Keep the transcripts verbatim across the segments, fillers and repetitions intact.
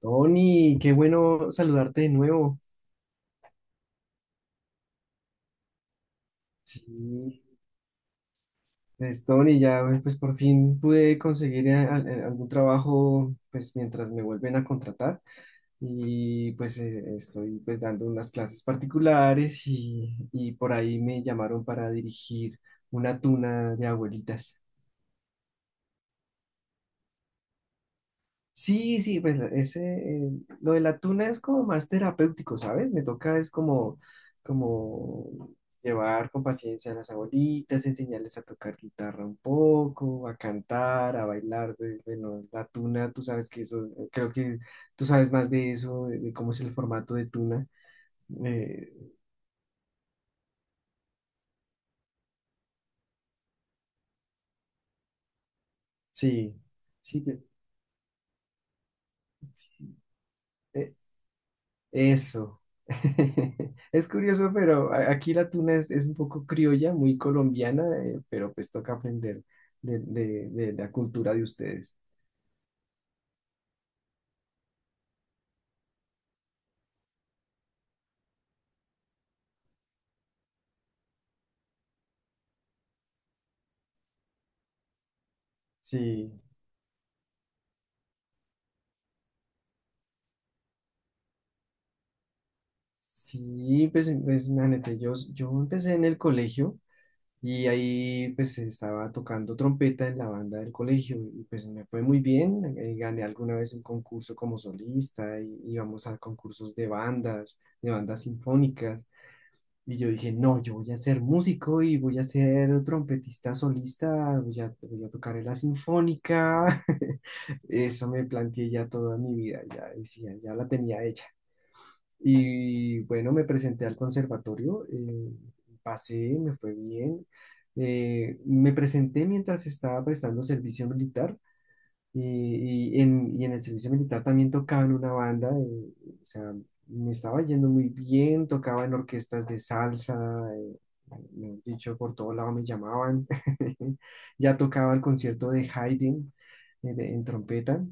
Tony, qué bueno saludarte de nuevo. Sí, pues Tony, ya eh, pues por fin pude conseguir a- a- algún trabajo pues mientras me vuelven a contratar y pues eh, estoy pues dando unas clases particulares y, y por ahí me llamaron para dirigir una tuna de abuelitas. Sí, sí, pues la- ese, eh, lo de la tuna es como más terapéutico, ¿sabes? Me toca es como, como llevar con paciencia a las abuelitas, enseñarles a tocar guitarra un poco, a cantar, a bailar. de- Bueno, la tuna, tú sabes que eso, eh, creo que tú sabes más de eso, de de cómo es el formato de tuna. Eh, sí, sí, que- sí. eh, Eso. Es curioso, pero a- aquí la tuna es, es un poco criolla, muy colombiana, eh, pero pues toca aprender de, de- de la cultura de ustedes. Sí, sí, pues, pues imagínate, yo, yo empecé en el colegio y ahí pues estaba tocando trompeta en la banda del colegio y pues me fue muy bien, eh, gané alguna vez un concurso como solista y íbamos a concursos de bandas, de bandas sinfónicas. Y yo dije, no, yo voy a ser músico y voy a ser trompetista solista, voy a, voy a tocar en la sinfónica. Eso me planteé ya toda mi vida, ya decía, ya la tenía hecha. Y bueno, me presenté al conservatorio, eh, pasé, me fue bien. Eh, me presenté mientras estaba prestando servicio militar y, y en, y en el servicio militar también tocaba en una banda, eh, o sea, me estaba yendo muy bien, tocaba en orquestas de salsa, eh, mejor dicho, por todo lado me llamaban. Ya tocaba el concierto de Haydn eh, de- en trompeta.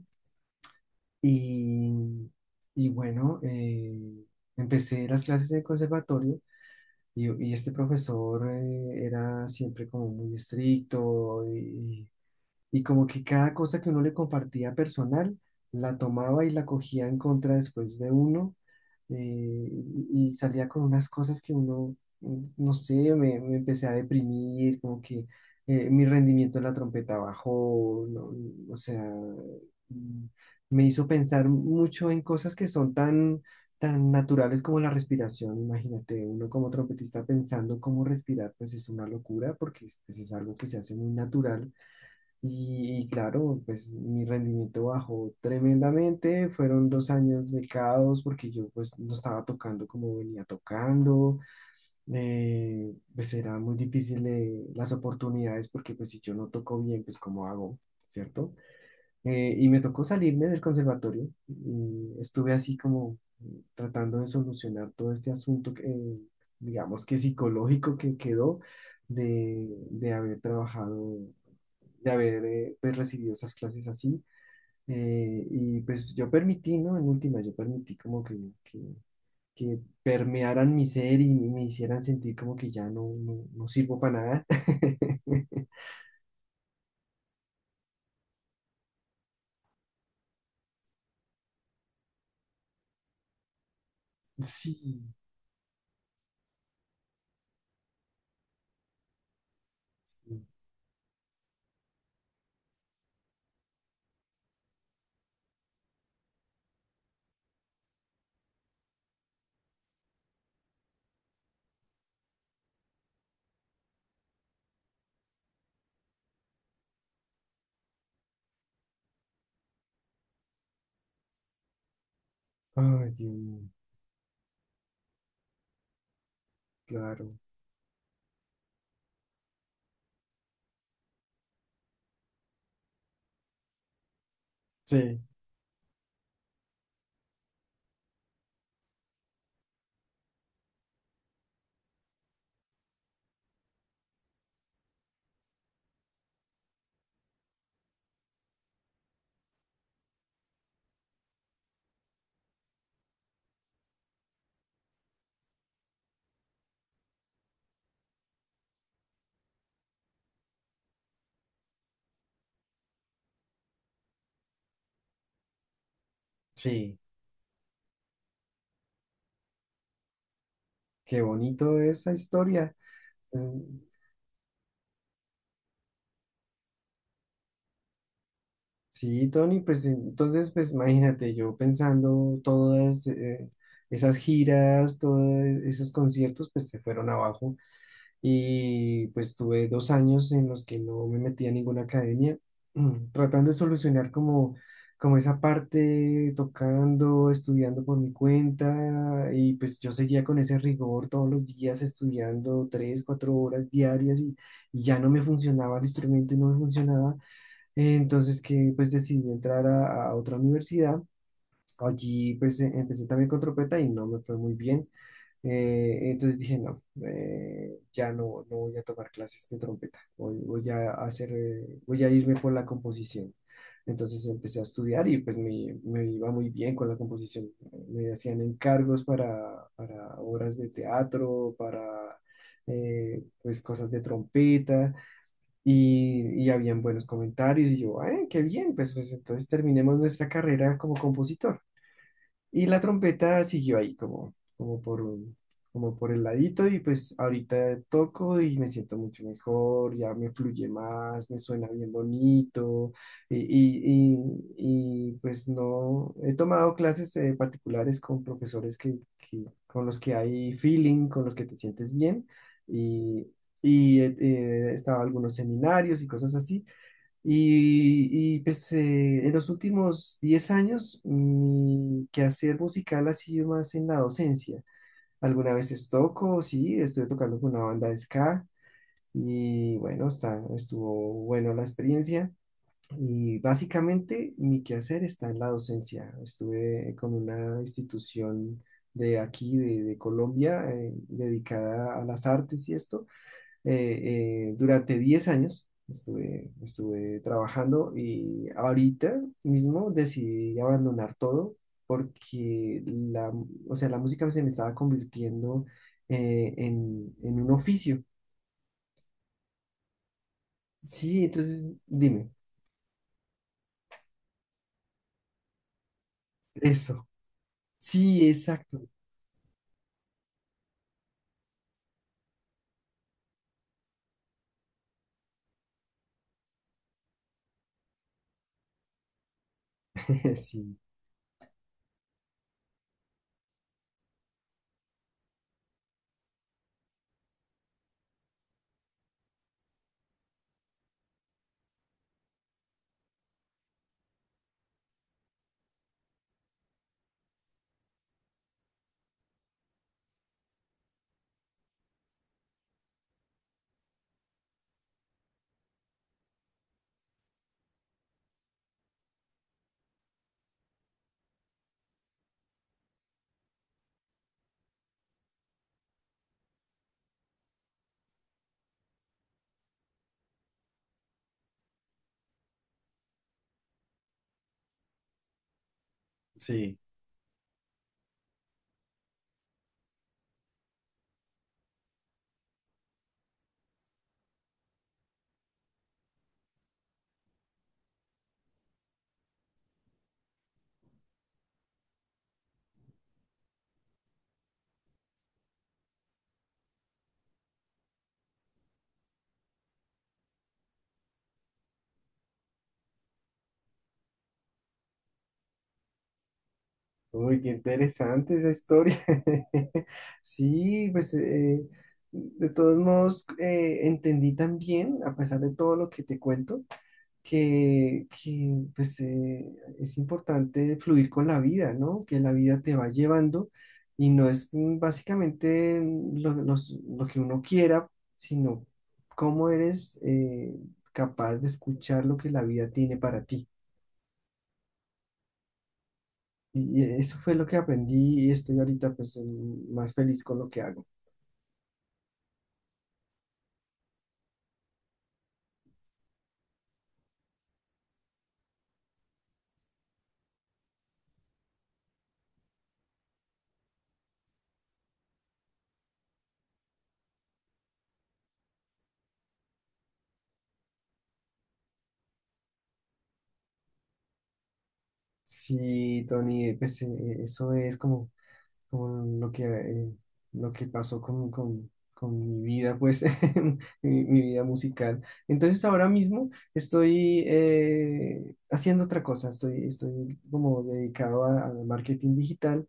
Y, y bueno, eh, empecé las clases de conservatorio y, y este profesor eh, era siempre como muy estricto y, y como que cada cosa que uno le compartía personal, la tomaba y la cogía en contra después de uno, eh, y y salía con unas cosas que uno, mm, no sé, me, me empecé a deprimir, como que eh, mi rendimiento en la trompeta bajó, no- o sea, mm, me hizo pensar mucho en cosas que son tan tan naturales como la respiración, imagínate, uno como trompetista pensando cómo respirar, pues es una locura porque es pues, es algo que se hace muy natural y, y claro, pues mi rendimiento bajó tremendamente, fueron dos años de caos porque yo pues no estaba tocando como venía tocando, eh, pues era muy difícil eh, las oportunidades porque pues si yo no toco bien, pues ¿cómo hago? ¿Cierto? Eh, y me tocó salirme del conservatorio y estuve así como tratando de solucionar todo este asunto, que, eh, digamos que psicológico que quedó de, de haber trabajado de haber eh, pues, recibido esas clases así. Eh, y pues yo permití, ¿no? En última, yo permití como que, que, que permearan mi ser y me hicieran sentir como que ya no, no, no sirvo para nada. Sí, sí. Ay, Dios mío, claro. Sí, sí. Qué bonito esa historia. Mm, sí, Tony, pues entonces, pues imagínate, yo pensando todas eh, esas giras, todos esos conciertos, pues se fueron abajo. Y pues tuve dos años en los que no me metí a ninguna academia, mm, tratando de solucionar como, como esa parte, tocando, estudiando por mi cuenta y pues yo seguía con ese rigor todos los días estudiando tres, cuatro horas diarias y, y ya no me funcionaba el instrumento y no me funcionaba, entonces que pues decidí entrar a, a otra universidad. Allí pues e- empecé también con trompeta y no me fue muy bien. Eh, entonces dije, no, eh, ya no, no voy a tomar clases de trompeta, voy, voy a hacer, eh, voy a irme por la composición. Entonces empecé a estudiar y pues me, me iba muy bien con la composición. Me hacían encargos para, para obras de teatro, para eh, pues cosas de trompeta y, y habían buenos comentarios y yo, "Ah, qué bien, pues, pues entonces terminemos nuestra carrera como compositor". Y la trompeta siguió ahí como, como por un, como por el ladito y pues ahorita toco y me siento mucho mejor, ya me fluye más, me suena bien bonito y, y, y- y, pues no, he tomado clases eh, particulares con profesores que, que- con los que hay feeling, con los que te sientes bien y, y he, he estado en algunos seminarios y cosas así y, y, pues eh, en los últimos diez años mi quehacer musical ha sido más en la docencia. Alguna veces toco, sí, estuve tocando con una banda de ska y bueno, está, estuvo bueno la experiencia. Y básicamente mi quehacer está en la docencia. Estuve con una institución de aquí, de, de Colombia, eh, dedicada a las artes y esto eh, eh, durante diez años estuve, estuve trabajando y ahorita mismo decidí abandonar todo porque la, o sea, la música se me estaba convirtiendo eh, en, en un oficio. Sí, entonces dime, eso. Sí, exacto. Sí, sí. Uy, qué interesante esa historia. Sí, pues eh, de todos modos eh, entendí también, a pesar de todo lo que te cuento, que, que, pues, eh, es importante fluir con la vida, ¿no? Que la vida te va llevando y no es mm, básicamente mm, lo, los- lo que uno quiera, sino cómo eres eh, capaz de escuchar lo que la vida tiene para ti. Y eso fue lo que aprendí y estoy ahorita pues mm, más feliz con lo que hago. Sí, Tony, eh, pues eh, eso es como como lo que, eh, lo que pasó con, con, con mi vida, pues, mi, mi vida musical. Entonces ahora mismo estoy eh, haciendo otra cosa, estoy, estoy como dedicado a- al marketing digital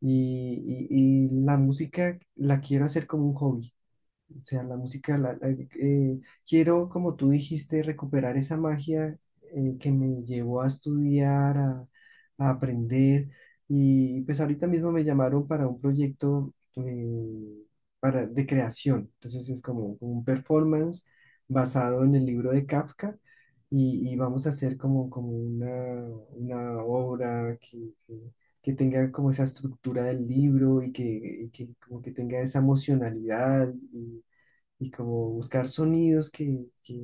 y, y, y la música la quiero hacer como un hobby. O sea, la música, la- la- eh, quiero, como tú dijiste, recuperar esa magia eh, que me llevó a estudiar, a, a aprender. Y pues ahorita mismo me llamaron para un proyecto eh, para, de creación. Entonces es como un performance basado en el libro de Kafka y, y vamos a hacer como, como una, una obra que, que- que tenga como esa estructura del libro y que, y que como que tenga esa emocionalidad y, y como buscar sonidos que, que,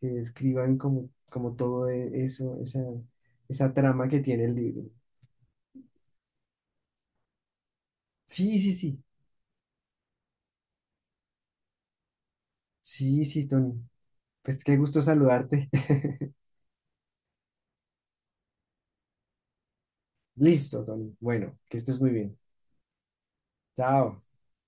que describan como, como todo e- eso, esa, esa trama que tiene el libro. Sí, sí, sí, sí, sí, Tony. Pues qué gusto saludarte. Listo, Tony. Bueno, que estés muy bien. Chao.